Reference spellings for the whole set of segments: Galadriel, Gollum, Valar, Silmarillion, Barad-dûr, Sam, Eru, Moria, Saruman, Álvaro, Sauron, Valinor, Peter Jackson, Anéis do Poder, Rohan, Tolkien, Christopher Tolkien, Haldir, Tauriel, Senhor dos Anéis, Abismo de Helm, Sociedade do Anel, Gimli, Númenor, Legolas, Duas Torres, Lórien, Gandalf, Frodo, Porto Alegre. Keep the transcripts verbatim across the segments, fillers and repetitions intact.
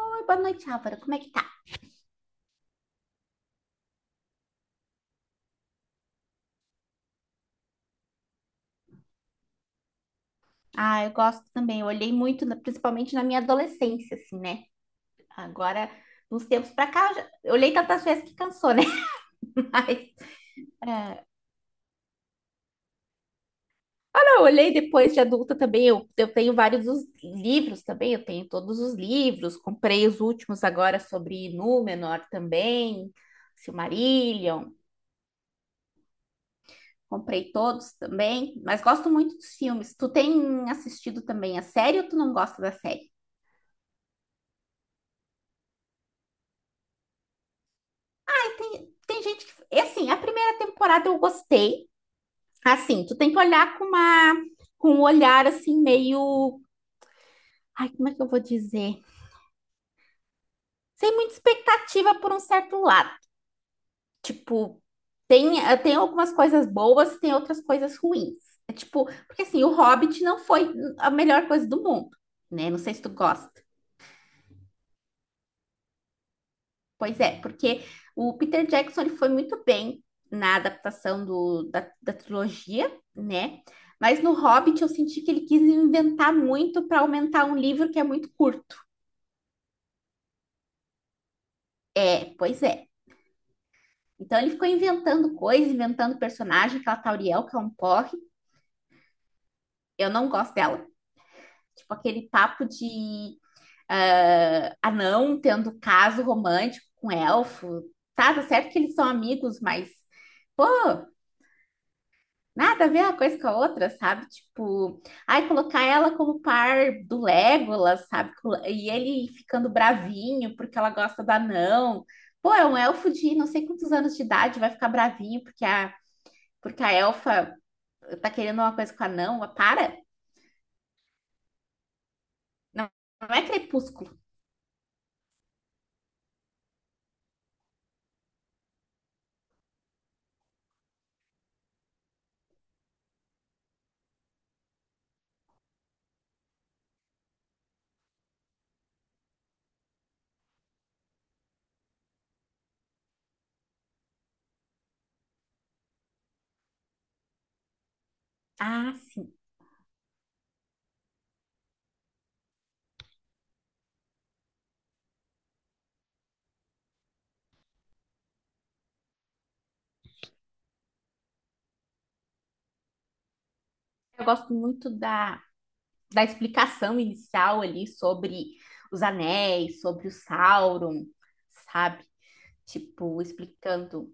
Oi, boa noite, Álvaro. Como é que tá? Ah, eu gosto também. Eu olhei muito, na- principalmente na minha adolescência, assim, né? Agora, nos tempos pra cá, eu, já- eu olhei tantas vezes que cansou, né? Mas, é... Ah, não, eu olhei depois de adulta também. Eu, eu tenho vários dos livros também. Eu tenho todos os livros. Comprei os últimos agora sobre Númenor também, Silmarillion. Comprei todos também, mas gosto muito dos filmes. Tu tem assistido também a série ou tu não gosta da série? Tem, tem gente que. É assim, a primeira temporada eu gostei. Assim, tu tem que olhar com uma, com um olhar assim, meio. Ai, como é que eu vou dizer? Sem muita expectativa por um certo lado. Tipo, tem, eh, tem algumas coisas boas, tem outras coisas ruins. É tipo, porque assim, o Hobbit não foi a melhor coisa do mundo, né? Não sei se tu gosta. Pois é, porque o Peter Jackson ele foi muito bem na adaptação do, da, da trilogia, né? Mas no Hobbit eu senti que ele quis inventar muito para aumentar um livro que é muito curto. É, pois é. Então ele ficou inventando coisas, inventando personagem, aquela Tauriel, que é um porre. Eu não gosto dela. Tipo, aquele papo de ah, anão tendo caso romântico com elfo. Tá, tá certo que eles são amigos, mas, pô, nada a ver uma coisa com a outra, sabe? Tipo, ai, colocar ela como par do Legolas, sabe? Co- E ele ficando bravinho porque ela gosta do anão. Pô, é um elfo de não sei quantos anos de idade, vai ficar bravinho porque a, porque a elfa tá querendo uma coisa com o anão. Para! Não é crepúsculo. Ah, sim. Eu gosto muito da, da explicação inicial ali sobre os anéis, sobre o Sauron, sabe? Tipo, explicando.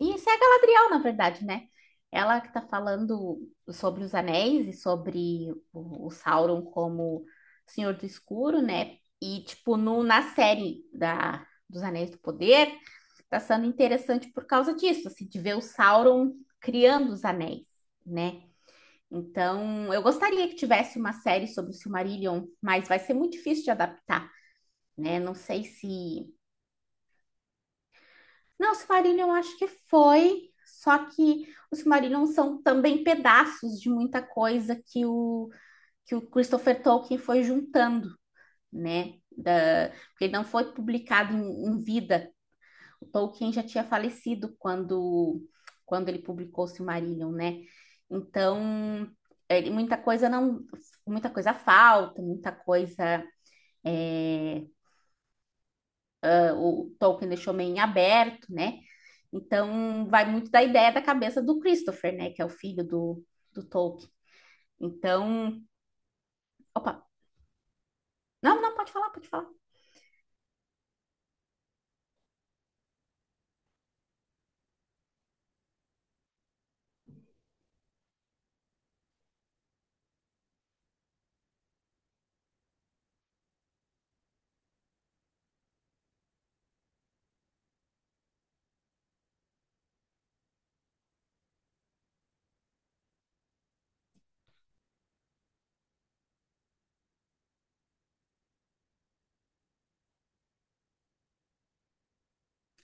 E isso é a Galadriel, na verdade, né? Ela que tá falando sobre os anéis e sobre o, o Sauron como Senhor do Escuro, né? E, tipo, no, na série da, dos Anéis do Poder, tá sendo interessante por causa disso, assim, de ver o Sauron criando os anéis, né? Então, eu gostaria que tivesse uma série sobre o Silmarillion, mas vai ser muito difícil de adaptar, né? Não sei se. Não, Silmarillion eu acho que foi, só que os Silmarillion são também pedaços de muita coisa que o, que o Christopher Tolkien foi juntando, né? Da, porque não foi publicado em, em vida. O Tolkien já tinha falecido quando, quando ele publicou o Silmarillion, né? Então, ele- muita coisa não, muita coisa falta, muita coisa é, o Tolkien deixou meio em aberto, né? Então, vai muito da ideia da cabeça do Christopher, né? Que é o filho do, do Tolkien. Então, opa, não, não, pode falar, pode falar.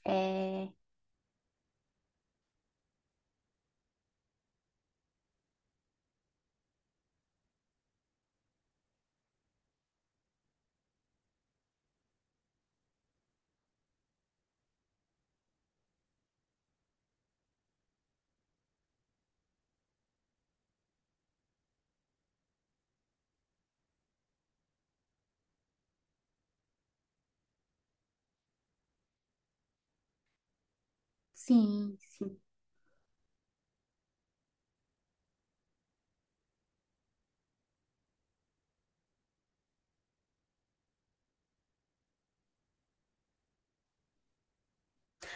É, sim, sim.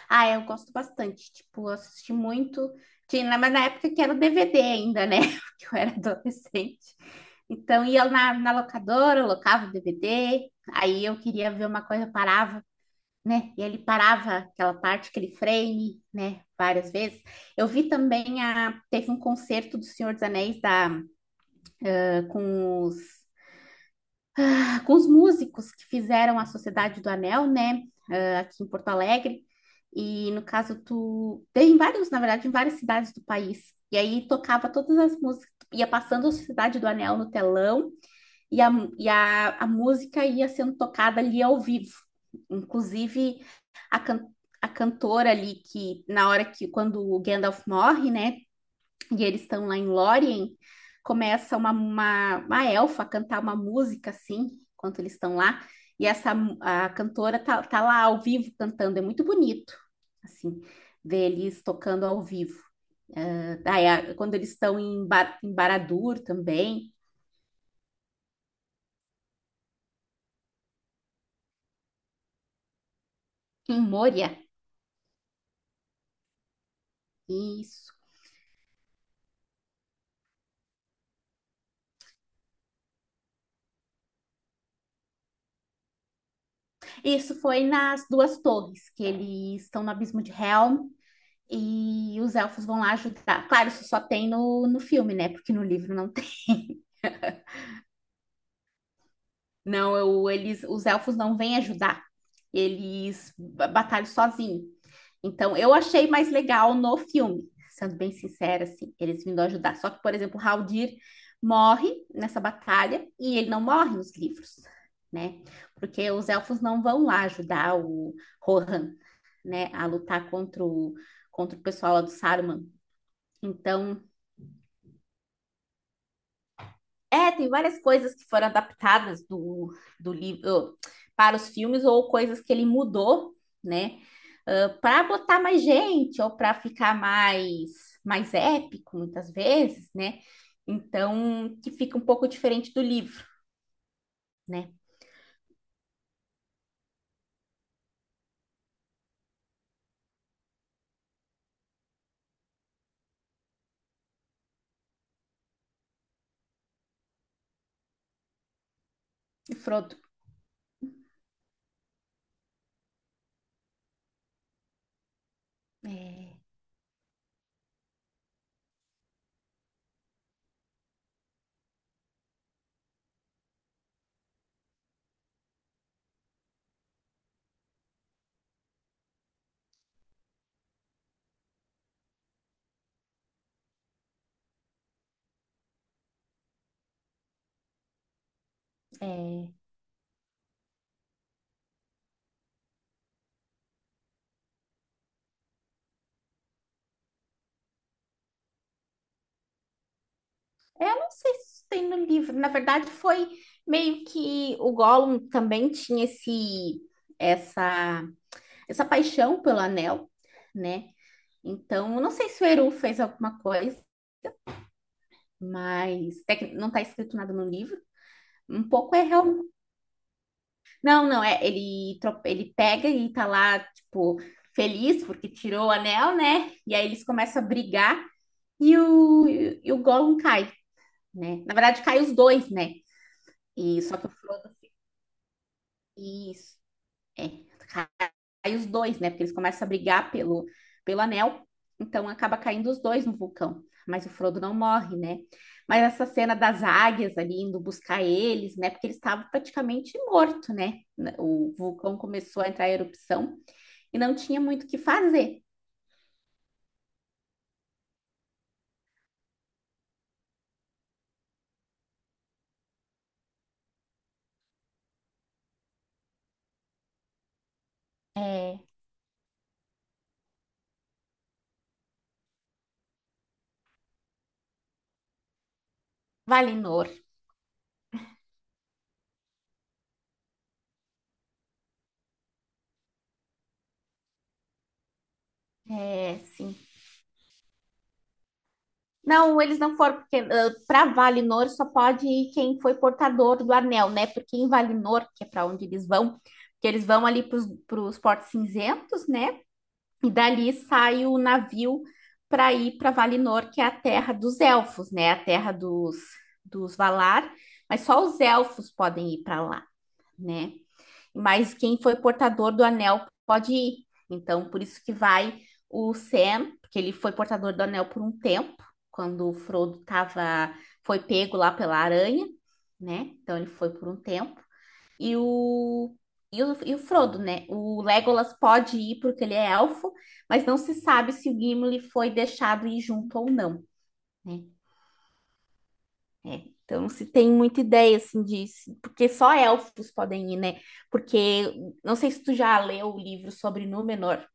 Ah, eu gosto bastante, tipo, eu assisti muito, tinha, né, mas na época que era o D V D ainda, né? Porque eu era adolescente. Então, ia na, na locadora, eu locava o D V D, aí eu queria ver uma coisa, eu parava, né? E ele parava aquela parte, aquele frame, né? Várias vezes. Eu vi também a teve um concerto do Senhor dos Anéis da ah, com os ah, com os músicos que fizeram a Sociedade do Anel, né? ah, Aqui em Porto Alegre. E no caso tu tem vários, na verdade, em várias cidades do país. E aí tocava todas as músicas, ia passando a Sociedade do Anel no telão e a, e a, a música ia sendo tocada ali ao vivo. Inclusive, a, can- a cantora ali que, na hora que, quando o Gandalf morre, né, e eles estão lá em Lórien, começa uma, uma, uma elfa a cantar uma música, assim, enquanto eles estão lá, e essa a cantora tá, tá lá ao vivo cantando, é muito bonito, assim, ver eles tocando ao vivo. Daí, a- quando eles estão em, Bar, em Barad-dûr também, em Moria, isso. Isso foi nas Duas Torres, que eles estão no Abismo de Helm, e os elfos vão lá ajudar. Claro, isso só tem no, no filme, né? Porque no livro não tem. Não, eu- eles, os elfos não vêm ajudar. Eles batalham sozinhos. Então, eu achei mais legal no filme, sendo bem sincera, assim, eles vindo ajudar. Só que, por exemplo, o Haldir morre nessa batalha e ele não morre nos livros, né? Porque os elfos não vão lá ajudar o Rohan, né, a lutar contra o, contra o pessoal lá do Saruman. Então, é, tem várias coisas que foram adaptadas do, do livro para os filmes ou coisas que ele mudou, né? Para botar mais gente ou para ficar mais mais épico muitas vezes, né? Então, que fica um pouco diferente do livro, né? E Frodo. É, é, é, eu não sei se tem no livro. Na verdade, foi meio que o Gollum também tinha esse essa essa paixão pelo anel, né? Então, eu não sei se o Eru fez alguma coisa, mas tec- não está escrito nada no livro. Um pouco é real. Não, não, é. Ele, tro- ele pega e tá lá, tipo, feliz porque tirou o anel, né? E aí eles começam a brigar e o, e o Gollum cai, né? Na verdade, cai os dois, né? E só que o Frodo. Isso. É, cai os dois, né? Porque eles começam a brigar pelo, pelo anel, então acaba caindo os dois no vulcão. Mas o Frodo não morre, né? Mas essa cena das águias ali indo buscar eles, né? Porque ele estava praticamente morto, né? O vulcão começou a entrar em erupção e não tinha muito o que fazer. É, Valinor, é, sim. Não, eles não foram, porque para Valinor só pode ir quem foi portador do anel, né? Porque em Valinor, que é para onde eles vão, que eles vão ali para os portos cinzentos, né? E dali sai o navio para ir para Valinor, que é a terra dos elfos, né? A terra dos, dos Valar, mas só os elfos podem ir para lá, né? Mas quem foi portador do anel pode ir. Então, por isso que vai o Sam, porque ele foi portador do anel por um tempo, quando o Frodo tava, foi pego lá pela aranha, né? Então ele foi por um tempo. E o, e o, e o Frodo, né? O Legolas pode ir porque ele é elfo, mas não se sabe se o Gimli foi deixado ir junto ou não, né? É, então não se tem muita ideia assim disso, porque só elfos podem ir, né? Porque não sei se tu já leu o livro sobre Númenor,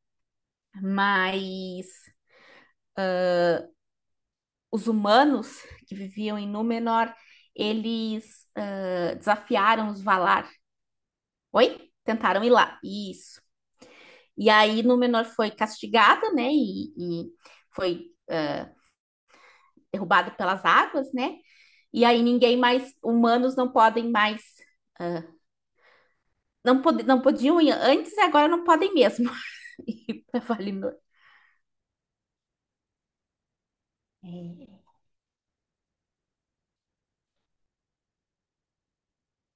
mas os humanos que viviam em Númenor, eles ah, desafiaram os Valar. Oi? Tentaram ir lá. Isso. E aí Númenor foi castigada, né? E, e foi derrubada pelas águas, né? E aí ninguém mais, humanos não podem mais, ah, não, pod não podiam ir antes e agora não podem mesmo. E eu falei, "Não." É,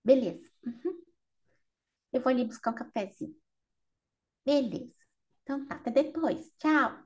beleza. Eu vou ali buscar um cafezinho. Beleza. Então tá, até depois. Tchau.